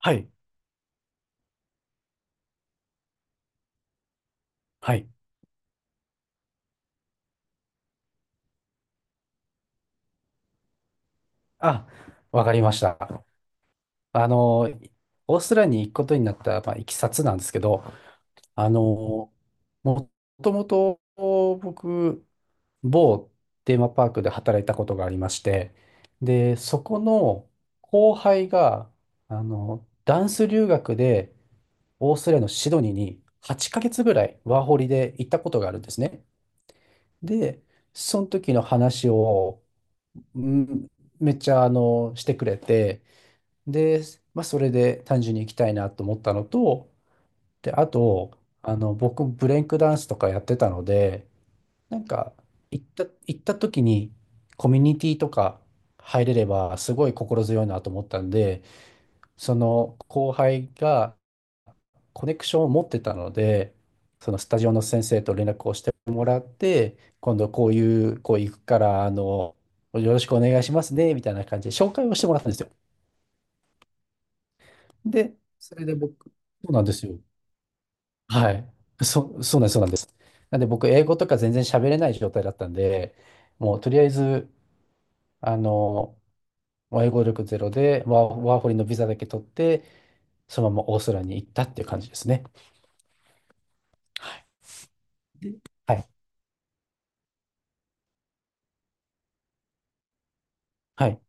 はい。はい。あ、わかりました。あの、オーストラリアに行くことになった、まあ、いきさつなんですけど、あの、もともと僕、某テーマパークで働いたことがありまして、で、そこの後輩が、ダンス留学でオーストラリアのシドニーに8ヶ月ぐらいワーホリで行ったことがあるんですね。で、その時の話を、うん、めっちゃしてくれて、で、まあ、それで単純に行きたいなと思ったのと、で、あと、僕、ブレイクダンスとかやってたので、なんか、行った時に、コミュニティとか入れれば、すごい心強いなと思ったんで、その後輩がコネクションを持ってたので、そのスタジオの先生と連絡をしてもらって、今度こういう、こう行くから、よろしくお願いしますね、みたいな感じで紹介をしてもらったんですよ。で、それで僕、そうなんですよ。はい。そうなんです、そうなんです。なんで僕、英語とか全然喋れない状態だったんで、もうとりあえず、あの、もう英語力ゼロで、ワーホリのビザだけ取って、そのままオーストラリアに行ったっていう感じですね。はい。はい。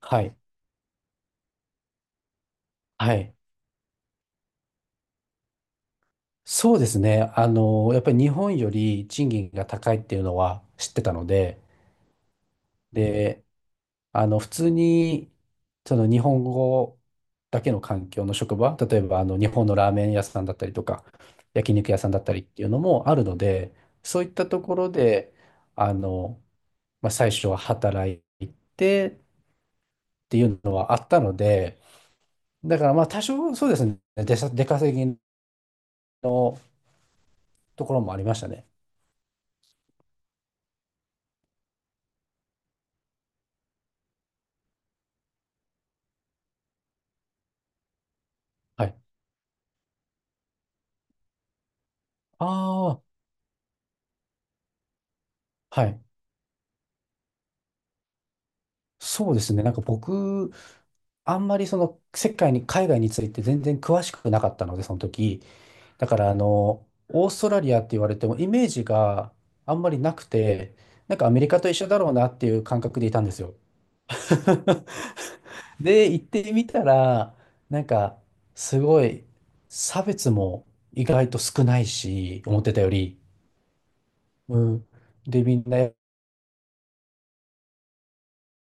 はい。はい。そうですね。やっぱり日本より賃金が高いっていうのは知ってたので、で、普通に、その日本語だけの環境の職場、例えば日本のラーメン屋さんだったりとか、焼肉屋さんだったりっていうのもあるので、そういったところで、あの、まあ、最初は働いてっていうのはあったので、だからまあ多少そうですね、出稼ぎのところもありましたね。はい。ああ、はい。そうですね。なんか僕、あんまりその世界に、海外について全然詳しくなかったので、その時。だからオーストラリアって言われてもイメージがあんまりなくて、なんかアメリカと一緒だろうなっていう感覚でいたんですよ。で、行ってみたら、なんかすごい差別も意外と少ないし、思ってたより。うん。で、みんな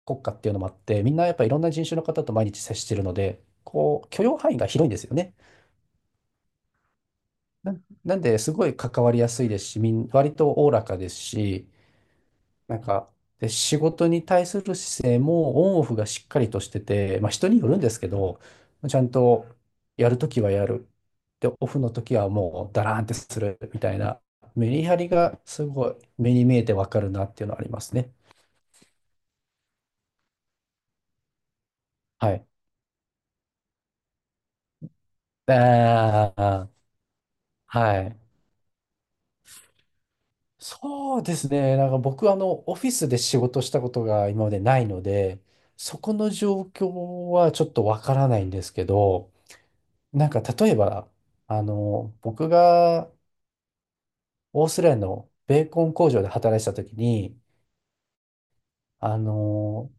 国家っていうのもあって、みんなやっぱいろんな人種の方と毎日接してるので、こう許容範囲が広いんですよね。な、なんで、すごい関わりやすいですし、割とおおらかですし、なんか、で、仕事に対する姿勢もオンオフがしっかりとしてて、まあ人によるんですけど、ちゃんとやるときはやる。で、オフのときはもうダラーンってするみたいな、メリハリがすごい目に見えてわかるなっていうのはありますね。はい。ああ、はい。そうですね。なんか僕、オフィスで仕事したことが今までないので、そこの状況はちょっとわからないんですけど、なんか例えば、僕がオーストラリアのベーコン工場で働いてた時に、あの、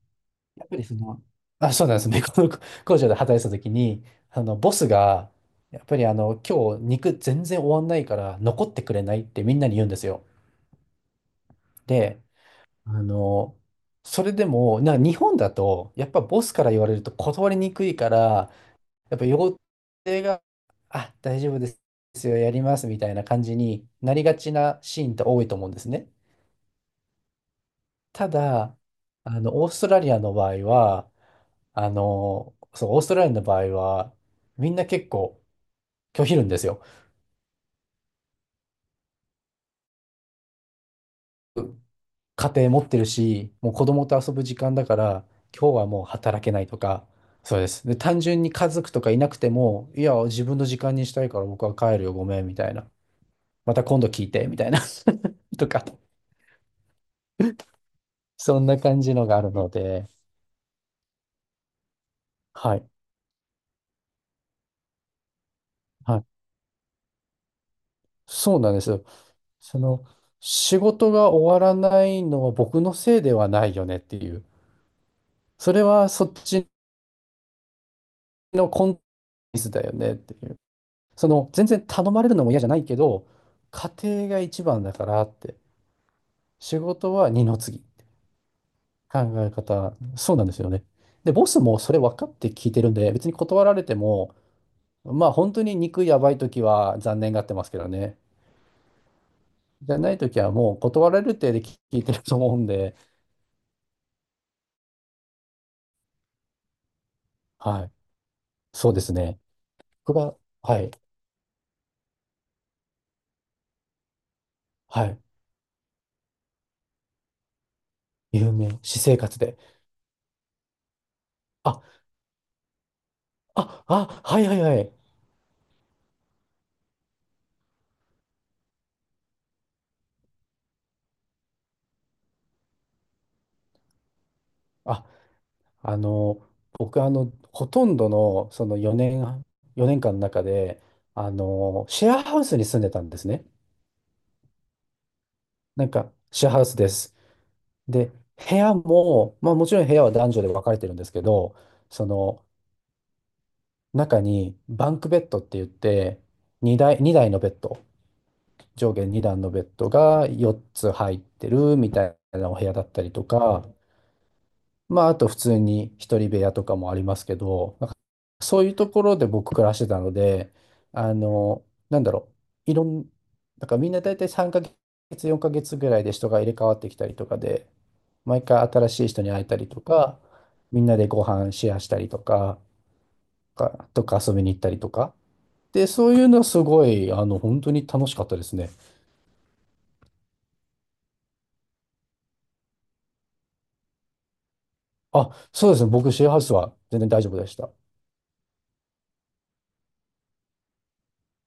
やっぱりその、あ、そうなんです。ベーコン工場で働いてた時に、ボスが、やっぱり今日肉全然終わんないから残ってくれないってみんなに言うんですよ。で、あの、それでも、日本だと、やっぱボスから言われると断りにくいから、やっぱ予定が、あ、大丈夫ですよ、やりますみたいな感じになりがちなシーンって多いと思うんですね。ただ、オーストラリアの場合は、そう、オーストラリアの場合は、みんな結構拒否るんですよ。家庭持ってるし、もう子供と遊ぶ時間だから、今日はもう働けないとか、そうです。で、単純に家族とかいなくても、いや、自分の時間にしたいから僕は帰るよ、ごめん、みたいな。また今度聞いて、みたいな。とか。そんな感じのがあるので、はい、はい、そうなんですよ。その、仕事が終わらないのは僕のせいではないよねっていう、それはそっちのコンテンツだよねっていう、全然頼まれるのも嫌じゃないけど、家庭が一番だからって、仕事は二の次って考え方、そうなんですよね。で、ボスもそれ分かって聞いてるんで、別に断られても、まあ本当に肉やばい時は残念がってますけどね。じゃないときはもう断られるってで聞いてると思うんで、はい。そうですね。僕が、はい。はい。有名、私生活で。あ、あ、あ、はいはいはい。あ、あの、僕ほとんどのその4年間の中で、シェアハウスに住んでたんですね。なんか、シェアハウスです。で、部屋も、まあもちろん部屋は男女で分かれてるんですけど、その中にバンクベッドって言って、2台、2台のベッド。上下2段のベッドが4つ入ってるみたいなお部屋だったりとか、まあ、あと普通に一人部屋とかもありますけど、なんかそういうところで僕暮らしてたので、あの、なんだろう、いろん、なんかみんな大体3ヶ月、4ヶ月ぐらいで人が入れ替わってきたりとかで、毎回新しい人に会えたりとか、みんなでご飯シェアしたりとか、とか遊びに行ったりとか。で、そういうのはすごい、本当に楽しかったですね。あ、そうですね。僕、シェアハウスは全然大丈夫でした。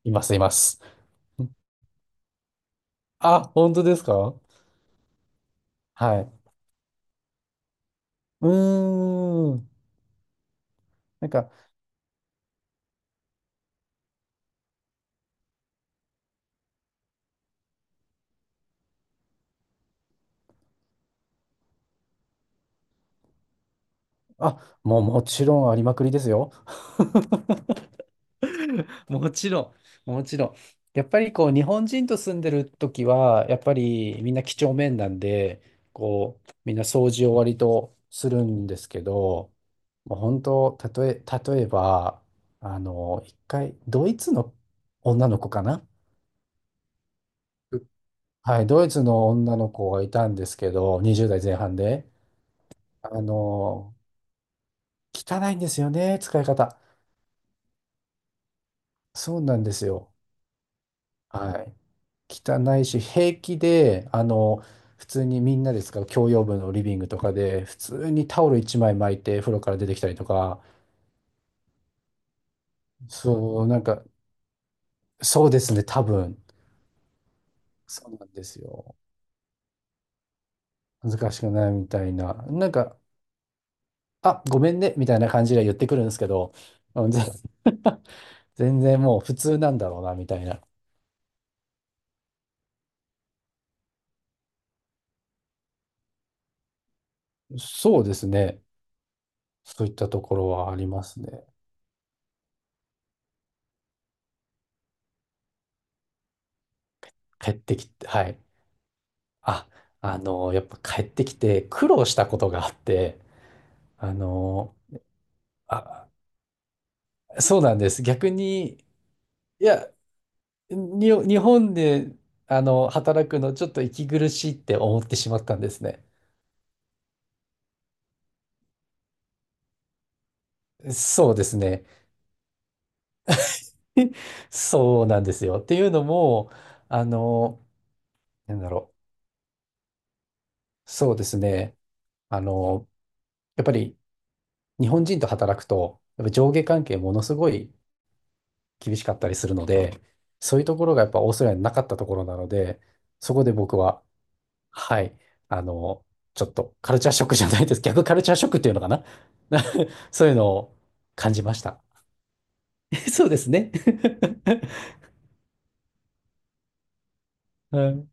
います、います。あ、本当ですか？はい。うーん。なんか、あ、もうもちろんありまくりですよ。もちろん、もちろん。やっぱりこう、日本人と住んでる時は、やっぱりみんな几帳面なんで、こう、みんな掃除を割とするんですけど、もう本当、たとえ、例えば、一回、ドイツの女の子かな。はい、ドイツの女の子がいたんですけど、20代前半で。あの、汚いんですよね、使い方。そうなんですよ。はい。汚いし、平気で、普通にみんなで使う共用部のリビングとかで、普通にタオル1枚巻いて風呂から出てきたりとか、そう、なんか、そうですね、多分。そうなんですよ。難しくないみたいな。なんか、あ、ごめんね、みたいな感じで言ってくるんですけど、うんぜ 全然もう普通なんだろうな、みたいな。そうですね。そういったところはありますね。帰ってきて、はい。あ、やっぱ帰ってきて苦労したことがあって、あの、あ、そうなんです。逆に、いや、日本で、働くのちょっと息苦しいって思ってしまったんですね。そうですね。そうなんですよ。っていうのも、あの、なんだろう。そうですね。あの、やっぱり日本人と働くと、やっぱ上下関係ものすごい厳しかったりするので、そういうところがやっぱオーストラリアになかったところなので、そこで僕は、はい、あの、ちょっとカルチャーショックじゃないです。逆カルチャーショックっていうのかな？ そういうのを感じました。そうですね。うん。